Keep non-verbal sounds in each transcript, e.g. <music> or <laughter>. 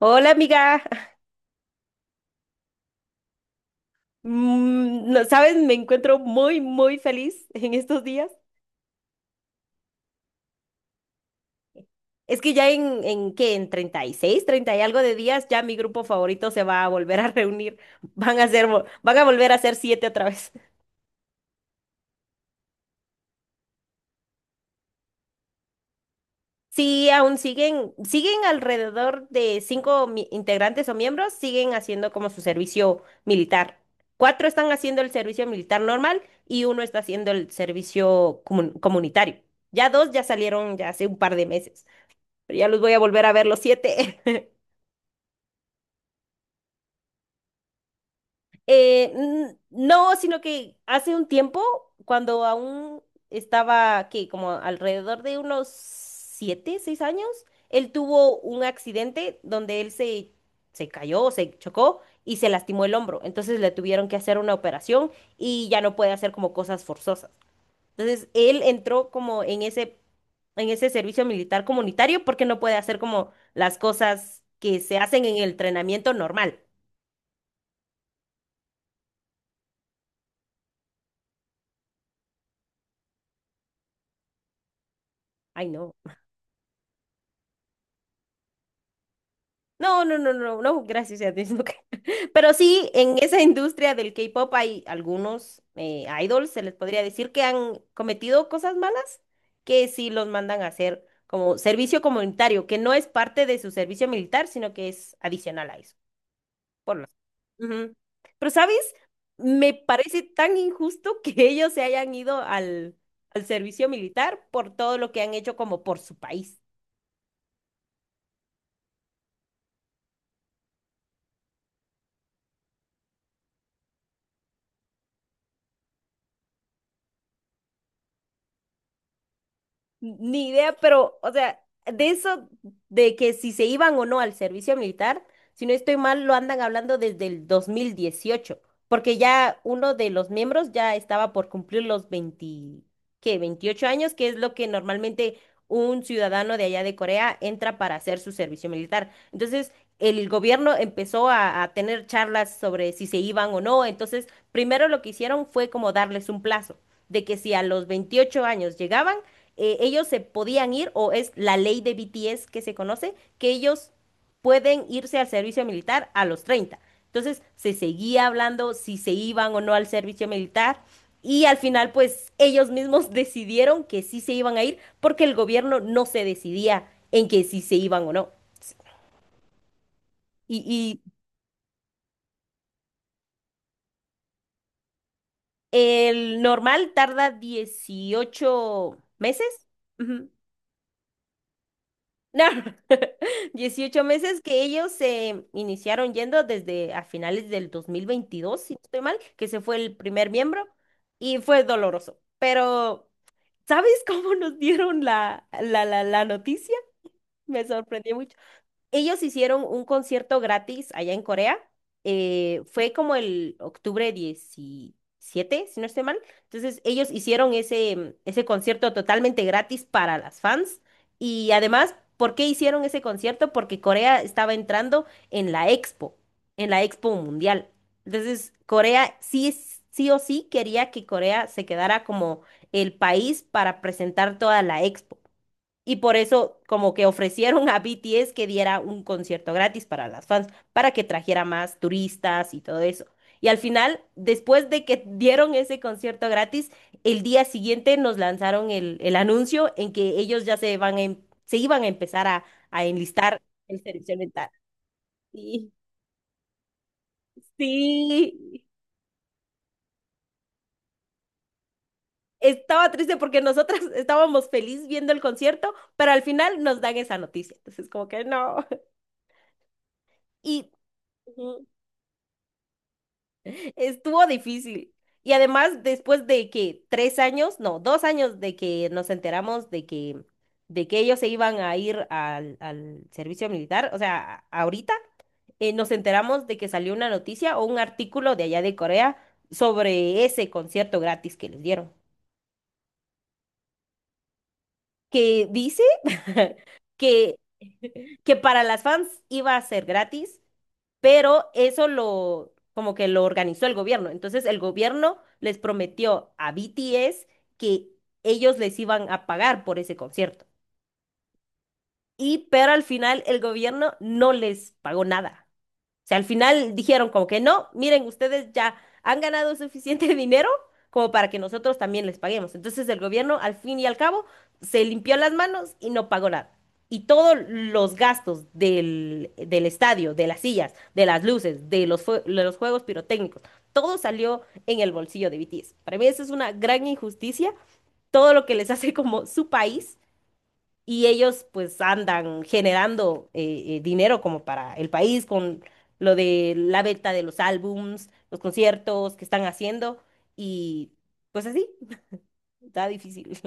Hola amiga. No sabes, me encuentro muy, muy feliz en estos días. Es que ya en ¿qué? En 30 y algo de días, ya mi grupo favorito se va a volver a reunir. <laughs> Van a volver a ser siete otra vez. <laughs> Sí, aún siguen alrededor de integrantes o miembros, siguen haciendo como su servicio militar. Cuatro están haciendo el servicio militar normal y uno está haciendo el servicio comunitario. Ya dos ya salieron ya hace un par de meses, pero ya los voy a volver a ver los siete. <laughs> No, sino que hace un tiempo, cuando aún estaba, ¿qué? Como alrededor de unos 7, 6 años, él tuvo un accidente donde él se cayó, se chocó y se lastimó el hombro. Entonces le tuvieron que hacer una operación y ya no puede hacer como cosas forzosas. Entonces él entró como en ese servicio militar comunitario porque no puede hacer como las cosas que se hacen en el entrenamiento normal. Ay, no. No, no, no, no, no, gracias a Dios, no creo. <laughs> Pero sí, en esa industria del K-pop hay algunos idols, se les podría decir, que han cometido cosas malas, que sí los mandan a hacer como servicio comunitario, que no es parte de su servicio militar, sino que es adicional a eso. Por las- Ujú. Pero, ¿sabes? Me parece tan injusto que <laughs> ellos se hayan ido al servicio militar por todo lo que han hecho como por su país. Ni idea, pero, o sea, de eso, de que si se iban o no al servicio militar, si no estoy mal, lo andan hablando desde el 2018 porque ya uno de los miembros ya estaba por cumplir los 20 ¿qué? 28 años, que es lo que normalmente un ciudadano de allá de Corea entra para hacer su servicio militar. Entonces, el gobierno empezó a tener charlas sobre si se iban o no. Entonces, primero lo que hicieron fue como darles un plazo de que si a los 28 años llegaban, ellos se podían ir, o es la ley de BTS que se conoce, que ellos pueden irse al servicio militar a los 30. Entonces se seguía hablando si se iban o no al servicio militar y al final pues ellos mismos <laughs> decidieron que sí se iban a ir porque el gobierno no se decidía en que si se iban o no. Y el normal tarda 18 meses. Ujú. No, <laughs> 18 meses que ellos se iniciaron yendo desde a finales del 2022 si no estoy mal, que se fue el primer miembro y fue doloroso. Pero, ¿sabes <laughs> cómo nos dieron la noticia? Me sorprendió mucho. Ellos hicieron un concierto gratis allá en Corea. Fue como el octubre 17, si no estoy mal. Entonces, ellos hicieron ese concierto totalmente gratis para las fans. Y además, ¿por qué hicieron ese concierto? Porque Corea estaba entrando en la Expo Mundial. Entonces, Corea sí, sí o sí quería que Corea se quedara como el país para presentar toda la Expo. Y por eso como que ofrecieron a BTS que diera un concierto gratis para las fans, para que trajera más turistas y todo eso. Y al final, después de que dieron ese concierto gratis, el día siguiente nos lanzaron el anuncio en que ellos ya se iban a empezar a enlistar en servicio mental. Sí, sí. Estaba triste porque nosotras <laughs> estábamos feliz viendo el concierto, pero al final nos dan esa noticia. Entonces, como que no. <laughs> Y ujú. Estuvo difícil. Y además, después de que tres años, no, dos años de que nos enteramos de que ellos se iban a ir al servicio militar, o sea, ahorita nos enteramos de que salió una noticia o un artículo de allá de Corea sobre ese concierto gratis que les dieron, que dice <laughs> que que para las fans iba a ser gratis, pero eso lo, como que lo organizó el gobierno. Entonces el gobierno les prometió a BTS que ellos les iban a pagar por ese concierto. Y pero al final el gobierno no les pagó nada, sea, al final dijeron como que no, miren, ustedes ya han ganado suficiente <laughs> dinero como para que nosotros también les paguemos. Entonces el gobierno, al fin y al cabo, se limpió las manos y no pagó nada. Y todos los gastos del estadio, de las sillas, de las luces, de los juegos pirotécnicos, todo salió en el bolsillo de BTS. Para mí eso es una gran injusticia, todo lo que les hace como su país y ellos pues andan generando dinero como para el país con lo de la venta de los álbums, los conciertos que están haciendo y pues así, está difícil.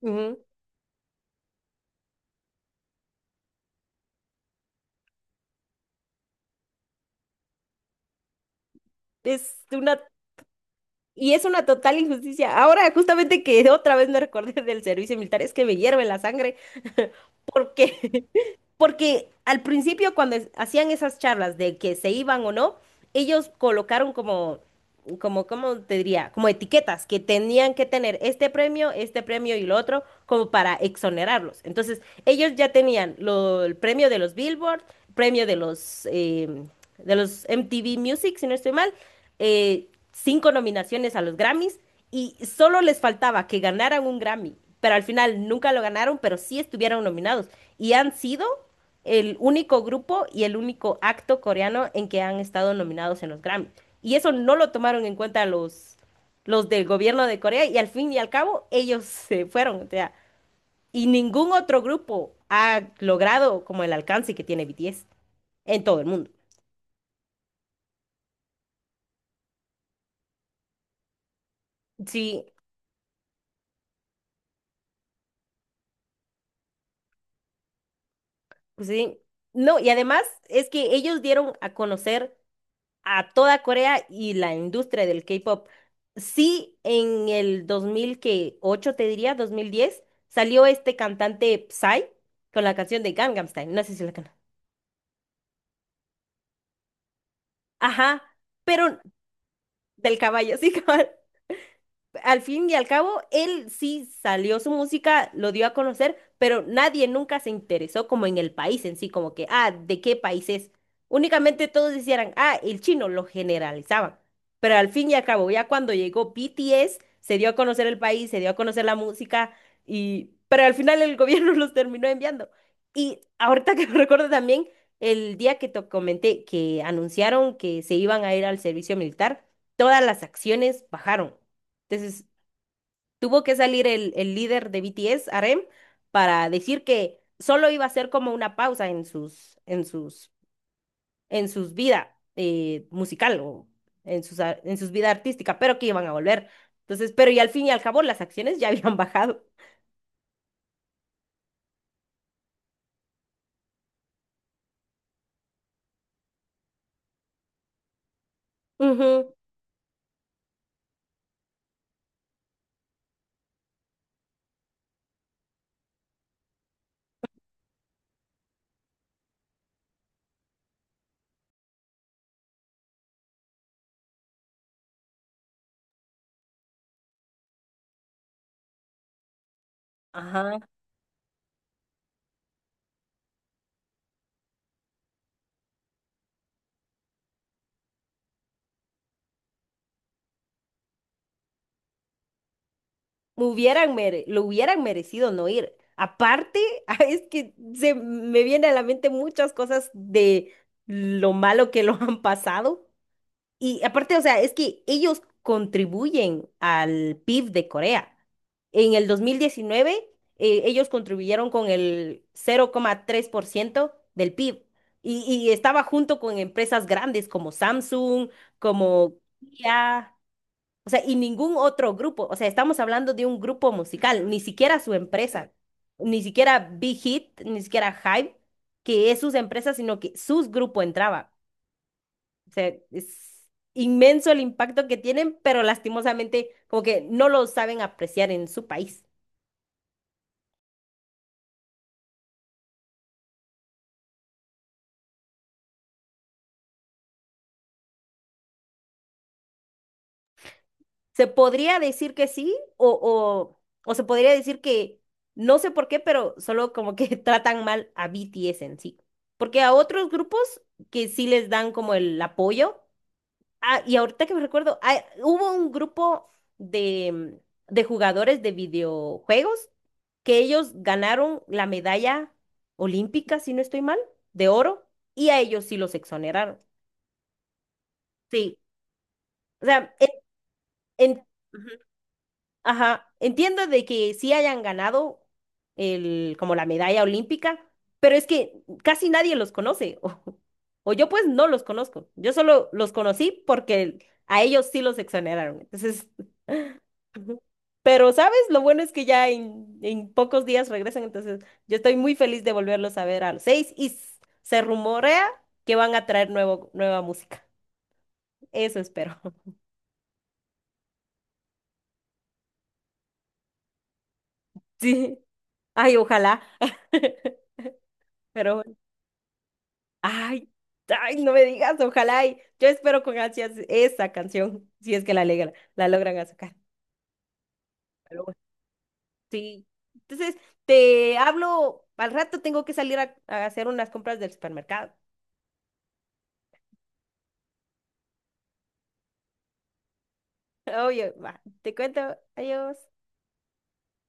<laughs> Ujú. Es una, es una total injusticia. Ahora justamente que otra vez me recordé del servicio militar, es que me hierve la sangre porque. Porque al principio, cuando hacían esas charlas de que se iban o no, ellos colocaron como, ¿cómo te diría? Como etiquetas que tenían que tener este premio y lo otro, como para exonerarlos. Entonces, ellos ya tenían el premio de los Billboard, premio de los MTV Music, si no estoy mal, cinco nominaciones a los Grammys y solo les faltaba que ganaran un Grammy. Pero al final nunca lo ganaron, pero sí estuvieron nominados y han sido el único grupo y el único acto coreano en que han estado nominados en los Grammy. Y eso no lo tomaron en cuenta los del gobierno de Corea y al fin y al cabo ellos se fueron. O sea, y ningún otro grupo ha logrado como el alcance que tiene BTS en todo el mundo. Sí, sí. No, y además es que ellos dieron a conocer a toda Corea y la industria del K-pop. Sí, en el 2008 te diría, 2010 salió este cantante Psy con la canción de Gangnam Style. No sé si la conoces. Ajá, pero del caballo, sí, <laughs> cabal. Al fin y al cabo, él sí salió su música, lo dio a conocer, pero nadie nunca se interesó como en el país en sí, como que, ah, ¿de qué país es? Únicamente todos decían, ah, el chino, lo generalizaban. Pero al fin y al cabo, ya cuando llegó BTS, se dio a conocer el país, se dio a conocer la música, y pero al final el gobierno <laughs> los terminó enviando. Y ahorita que me recuerdo también, el día que te comenté que anunciaron que se iban a ir al servicio militar, todas las acciones bajaron. Entonces tuvo que salir el líder de BTS, RM, para decir que solo iba a ser como una pausa en sus vida musical o en sus vida artística, pero que iban a volver. Entonces, pero y al fin y al cabo las acciones ya <laughs> habían bajado. Ujú, Ajá. Lo hubieran merecido no ir. Aparte, <laughs> es que se me vienen a la mente muchas cosas de lo malo que lo han pasado. Y aparte, o sea, es que ellos contribuyen al PIB de Corea. En el 2019, ellos contribuyeron con el 0,3% del PIB y estaba junto con empresas grandes como Samsung, como Kia, o sea, y ningún otro grupo. O sea, estamos hablando de un grupo musical, ni siquiera su empresa, ni siquiera Big Hit, ni siquiera Hype, que es sus empresas, sino que sus grupo entraba. O sea, es inmenso el impacto que tienen, pero lastimosamente como que no lo saben apreciar en su país. Se podría decir que sí o se podría decir que no sé por qué, pero solo como que <laughs> tratan mal a BTS en sí. Porque a otros grupos que sí les dan como el apoyo, ah, y ahorita que me recuerdo, ah, hubo un grupo de, de jugadores de videojuegos que ellos ganaron la medalla olímpica, si no estoy mal, de oro, y a ellos sí los exoneraron. Sí, o sea, en, en- ujú. Ajá, entiendo de que sí hayan ganado el, como la medalla olímpica, pero es que casi nadie los conoce, <laughs> o yo pues no los conozco, yo solo los conocí porque a ellos sí los exoneraron, entonces, <laughs> ujú. Pero sabes, lo bueno es que ya en pocos días regresan, entonces yo estoy muy feliz de volverlos a ver a los seis y se rumorea que van a traer nueva música, eso espero, <laughs> sí, ay, ojalá, <laughs> pero. Ay, ay, no me digas, ojalá y yo espero con ansias esa canción, si es que la alegra, la logran sacar. Pero bueno, sí. Entonces, te hablo, al rato tengo que salir a hacer unas compras del supermercado. <laughs> Oye, va, te cuento, adiós.